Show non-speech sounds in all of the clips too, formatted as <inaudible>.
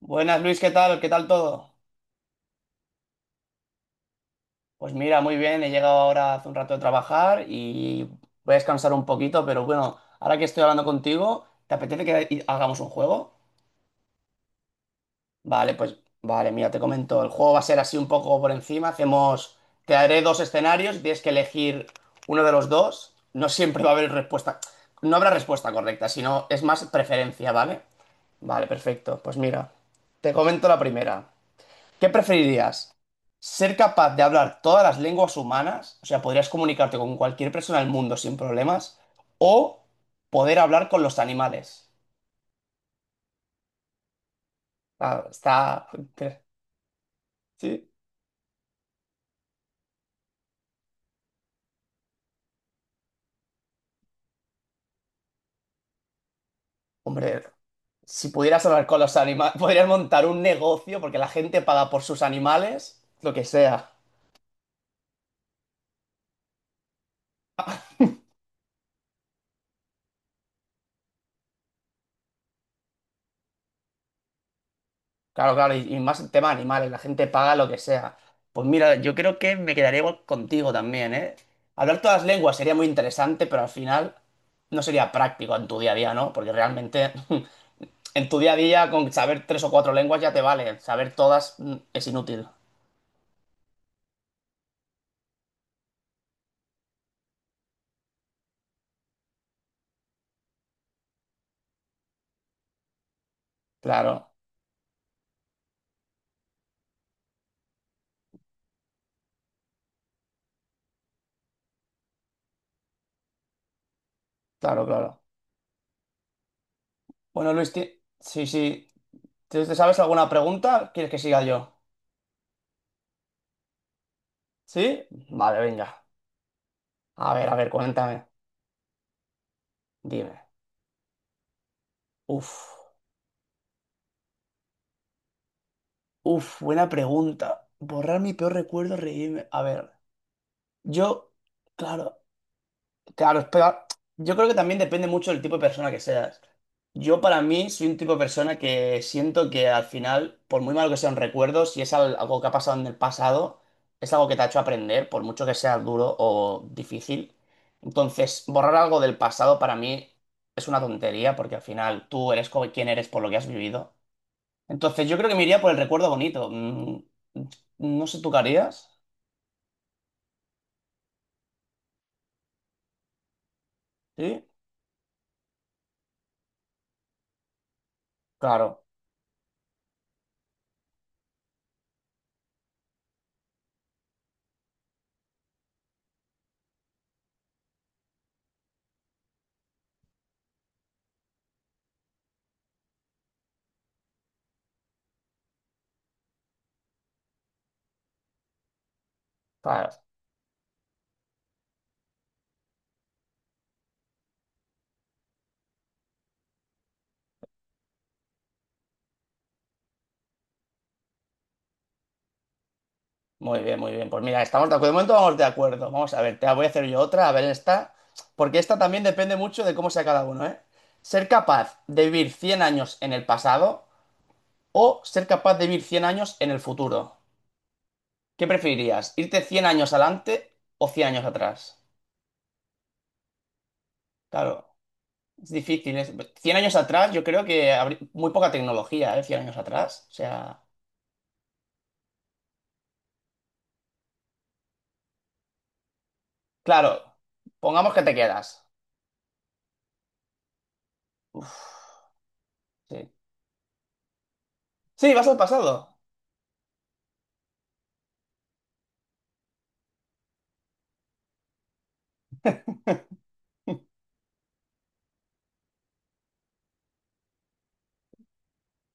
Buenas Luis, ¿qué tal? ¿Qué tal todo? Pues mira, muy bien, he llegado ahora hace un rato de trabajar y voy a descansar un poquito, pero bueno, ahora que estoy hablando contigo, ¿te apetece que hagamos un juego? Vale, pues vale, mira, te comento, el juego va a ser así un poco por encima, hacemos, te daré dos escenarios, y tienes que elegir uno de los dos, no siempre va a haber respuesta, no habrá respuesta correcta, sino es más preferencia, ¿vale? Vale, perfecto, pues mira, te comento la primera. ¿Qué preferirías? ¿Ser capaz de hablar todas las lenguas humanas? O sea, podrías comunicarte con cualquier persona del mundo sin problemas. ¿O poder hablar con los animales? Claro, está... Sí. Hombre, si pudieras hablar con los animales, <laughs> podrías montar un negocio porque la gente paga por sus animales, lo que sea. Claro, claro, y más el tema de animales, la gente paga lo que sea. Pues mira, yo creo que me quedaría igual contigo también, ¿eh? Hablar todas las lenguas sería muy interesante, pero al final no sería práctico en tu día a día, ¿no? Porque realmente <laughs> en tu día a día con saber tres o cuatro lenguas ya te vale, saber todas es inútil. Claro, claro, claro. Bueno, Luis, sí, sí. ¿Te sabes alguna pregunta? ¿Quieres que siga yo? ¿Sí? Vale, venga. A ver, cuéntame. Dime. Uf. Uf, buena pregunta. Borrar mi peor recuerdo, reírme. A ver, yo, claro, claro, espera. Yo creo que también depende mucho del tipo de persona que seas. Yo para mí soy un tipo de persona que siento que al final, por muy malo que sean recuerdos, si es algo que ha pasado en el pasado, es algo que te ha hecho aprender, por mucho que sea duro o difícil. Entonces, borrar algo del pasado para mí es una tontería, porque al final tú eres como quien eres por lo que has vivido. Entonces, yo creo que me iría por el recuerdo bonito. No sé, ¿tú qué harías? ¿Sí? Claro, claro. Muy bien, muy bien. Pues mira, estamos de acuerdo. De momento vamos de acuerdo. Vamos a ver, te voy a hacer yo otra, a ver esta. Porque esta también depende mucho de cómo sea cada uno, ¿eh? Ser capaz de vivir 100 años en el pasado o ser capaz de vivir 100 años en el futuro. ¿Qué preferirías? ¿Irte 100 años adelante o 100 años atrás? Claro, es difícil. 100 años atrás yo creo que habría muy poca tecnología, ¿eh? 100 años atrás. O sea... Claro, pongamos que te quedas. Uf, sí. Sí, vas al pasado.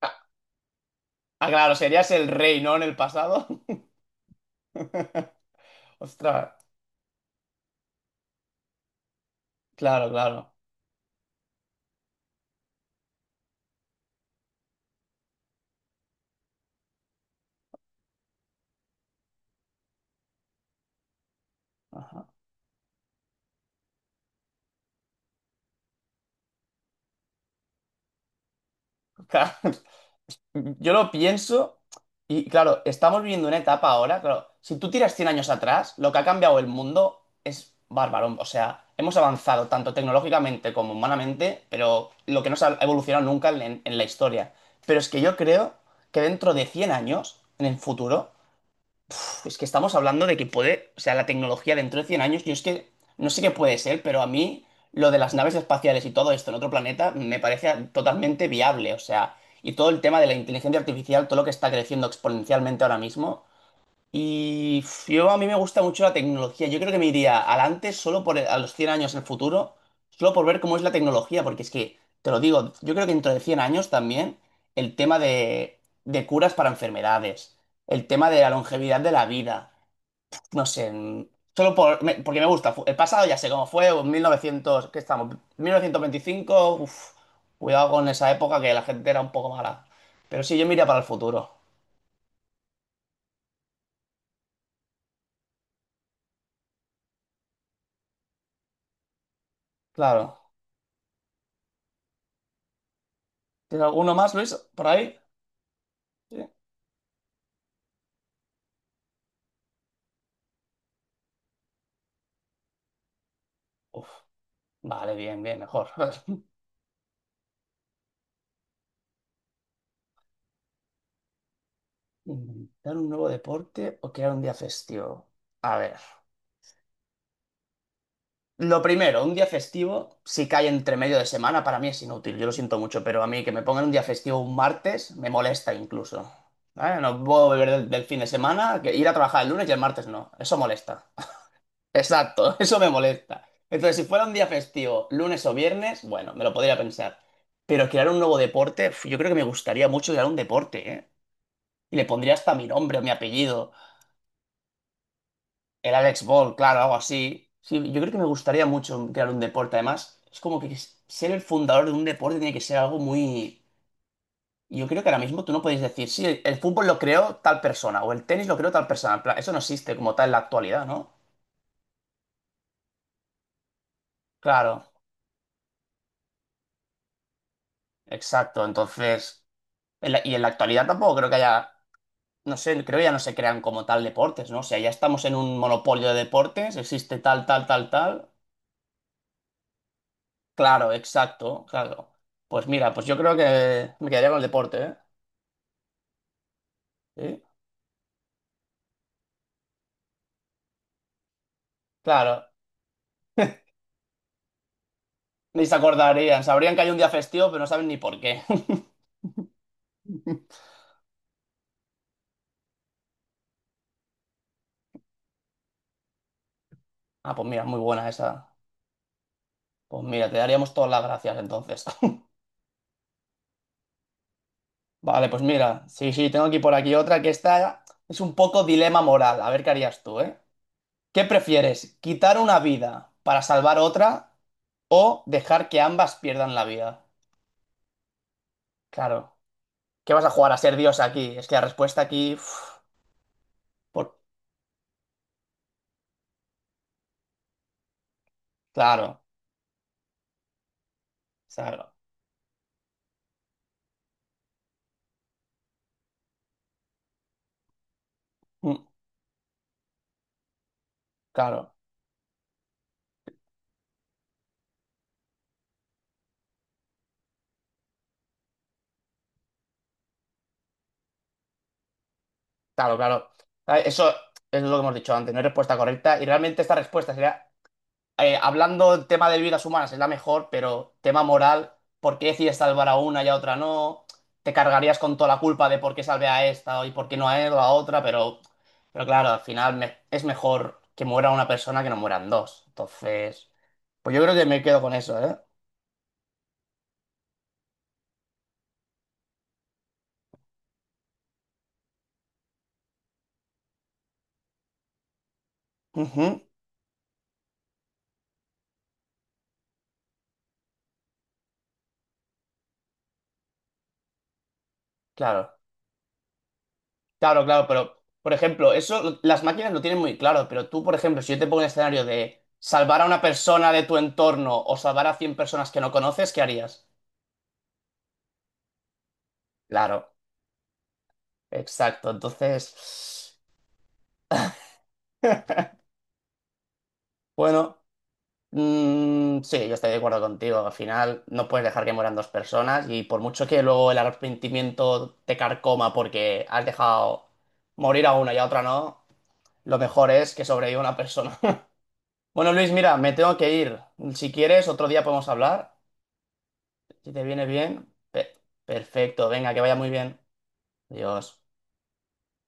Ah, ah, claro, serías el rey, ¿no? En el pasado. <laughs> Ostras, claro, claro. Ajá. Claro, <laughs> yo lo pienso y claro, estamos viviendo una etapa ahora, claro, si tú tiras 100 años atrás, lo que ha cambiado el mundo es bárbaro. O sea, hemos avanzado tanto tecnológicamente como humanamente, pero lo que no se ha evolucionado nunca en, en la historia. Pero es que yo creo que dentro de 100 años, en el futuro, es que estamos hablando de que puede, o sea, la tecnología dentro de 100 años, yo es que no sé qué puede ser, pero a mí lo de las naves espaciales y todo esto en otro planeta me parece totalmente viable, o sea, y todo el tema de la inteligencia artificial, todo lo que está creciendo exponencialmente ahora mismo. Y yo a mí me gusta mucho la tecnología, yo creo que me iría al antes, solo por a los 100 años en el futuro, solo por ver cómo es la tecnología, porque es que, te lo digo, yo creo que dentro de 100 años también el tema de curas para enfermedades, el tema de la longevidad de la vida no sé, solo por, porque me gusta. El pasado ya sé cómo fue, o en 1900, ¿qué estamos? 1925, uf, cuidado con esa época que la gente era un poco mala. Pero sí, yo miraría para el futuro, claro. ¿Tienes alguno más, Luis, por ahí? Sí. Uf, vale, bien, bien, mejor. <laughs> ¿Inventar un nuevo deporte o crear un día festivo? A ver. Lo primero, un día festivo, si cae entre medio de semana, para mí es inútil, yo lo siento mucho, pero a mí que me pongan un día festivo un martes me molesta incluso. ¿Vale? No puedo beber del fin de semana, que ir a trabajar el lunes y el martes no, eso molesta. <laughs> Exacto, eso me molesta. Entonces, si fuera un día festivo, lunes o viernes, bueno, me lo podría pensar. Pero crear un nuevo deporte, uf, yo creo que me gustaría mucho crear un deporte, ¿eh? Y le pondría hasta mi nombre o mi apellido. El Alex Ball, claro, algo así. Sí, yo creo que me gustaría mucho crear un deporte. Además, es como que ser el fundador de un deporte tiene que ser algo muy... Yo creo que ahora mismo tú no puedes decir, sí, el fútbol lo creó tal persona o el tenis lo creó tal persona. En plan, eso no existe como tal en la actualidad, ¿no? Claro, exacto. Entonces, y en la actualidad tampoco creo que haya, no sé, creo que ya no se crean como tal deportes, ¿no? O sea, ya estamos en un monopolio de deportes, existe tal, tal, tal, tal. Claro, exacto, claro. Pues mira, pues yo creo que me quedaría con el deporte, ¿eh? Sí, claro, ni se acordarían. Sabrían que hay un día festivo, pero no saben ni por qué. <laughs> Ah, pues mira, muy buena esa. Pues mira, te daríamos todas las gracias entonces. <laughs> Vale, pues mira, sí, sí, tengo aquí por aquí otra que esta es un poco dilema moral. A ver qué harías tú, ¿eh? ¿Qué prefieres? ¿Quitar una vida para salvar otra o dejar que ambas pierdan la vida? Claro. ¿Qué vas a jugar a ser Dios aquí? Es que la respuesta aquí... uf, por... Claro, claro. Mm, claro. Claro, claro. Ah, eso es lo que hemos dicho antes, no hay respuesta correcta. Y realmente esta respuesta sería, hablando del tema de vidas humanas, es la mejor, pero tema moral, ¿por qué decides salvar a una y a otra no? Te cargarías con toda la culpa de por qué salvé a esta y por qué no a él o a otra, pero claro, al final es mejor que muera una persona que no mueran dos. Entonces, pues yo creo que me quedo con eso, ¿eh? Ujú, claro. Claro, claro, pero por ejemplo, eso las máquinas lo tienen muy claro, pero tú, por ejemplo, si yo te pongo un escenario de salvar a una persona de tu entorno o salvar a 100 personas que no conoces, ¿qué harías? Claro, exacto. Entonces, bueno, mm, sí, yo estoy de acuerdo contigo. Al final no puedes dejar que mueran dos personas y por mucho que luego el arrepentimiento te carcoma porque has dejado morir a una y a otra no, lo mejor es que sobreviva una persona. <laughs> Bueno, Luis, mira, me tengo que ir. Si quieres, otro día podemos hablar. Si te viene bien, perfecto, venga, que vaya muy bien. Adiós.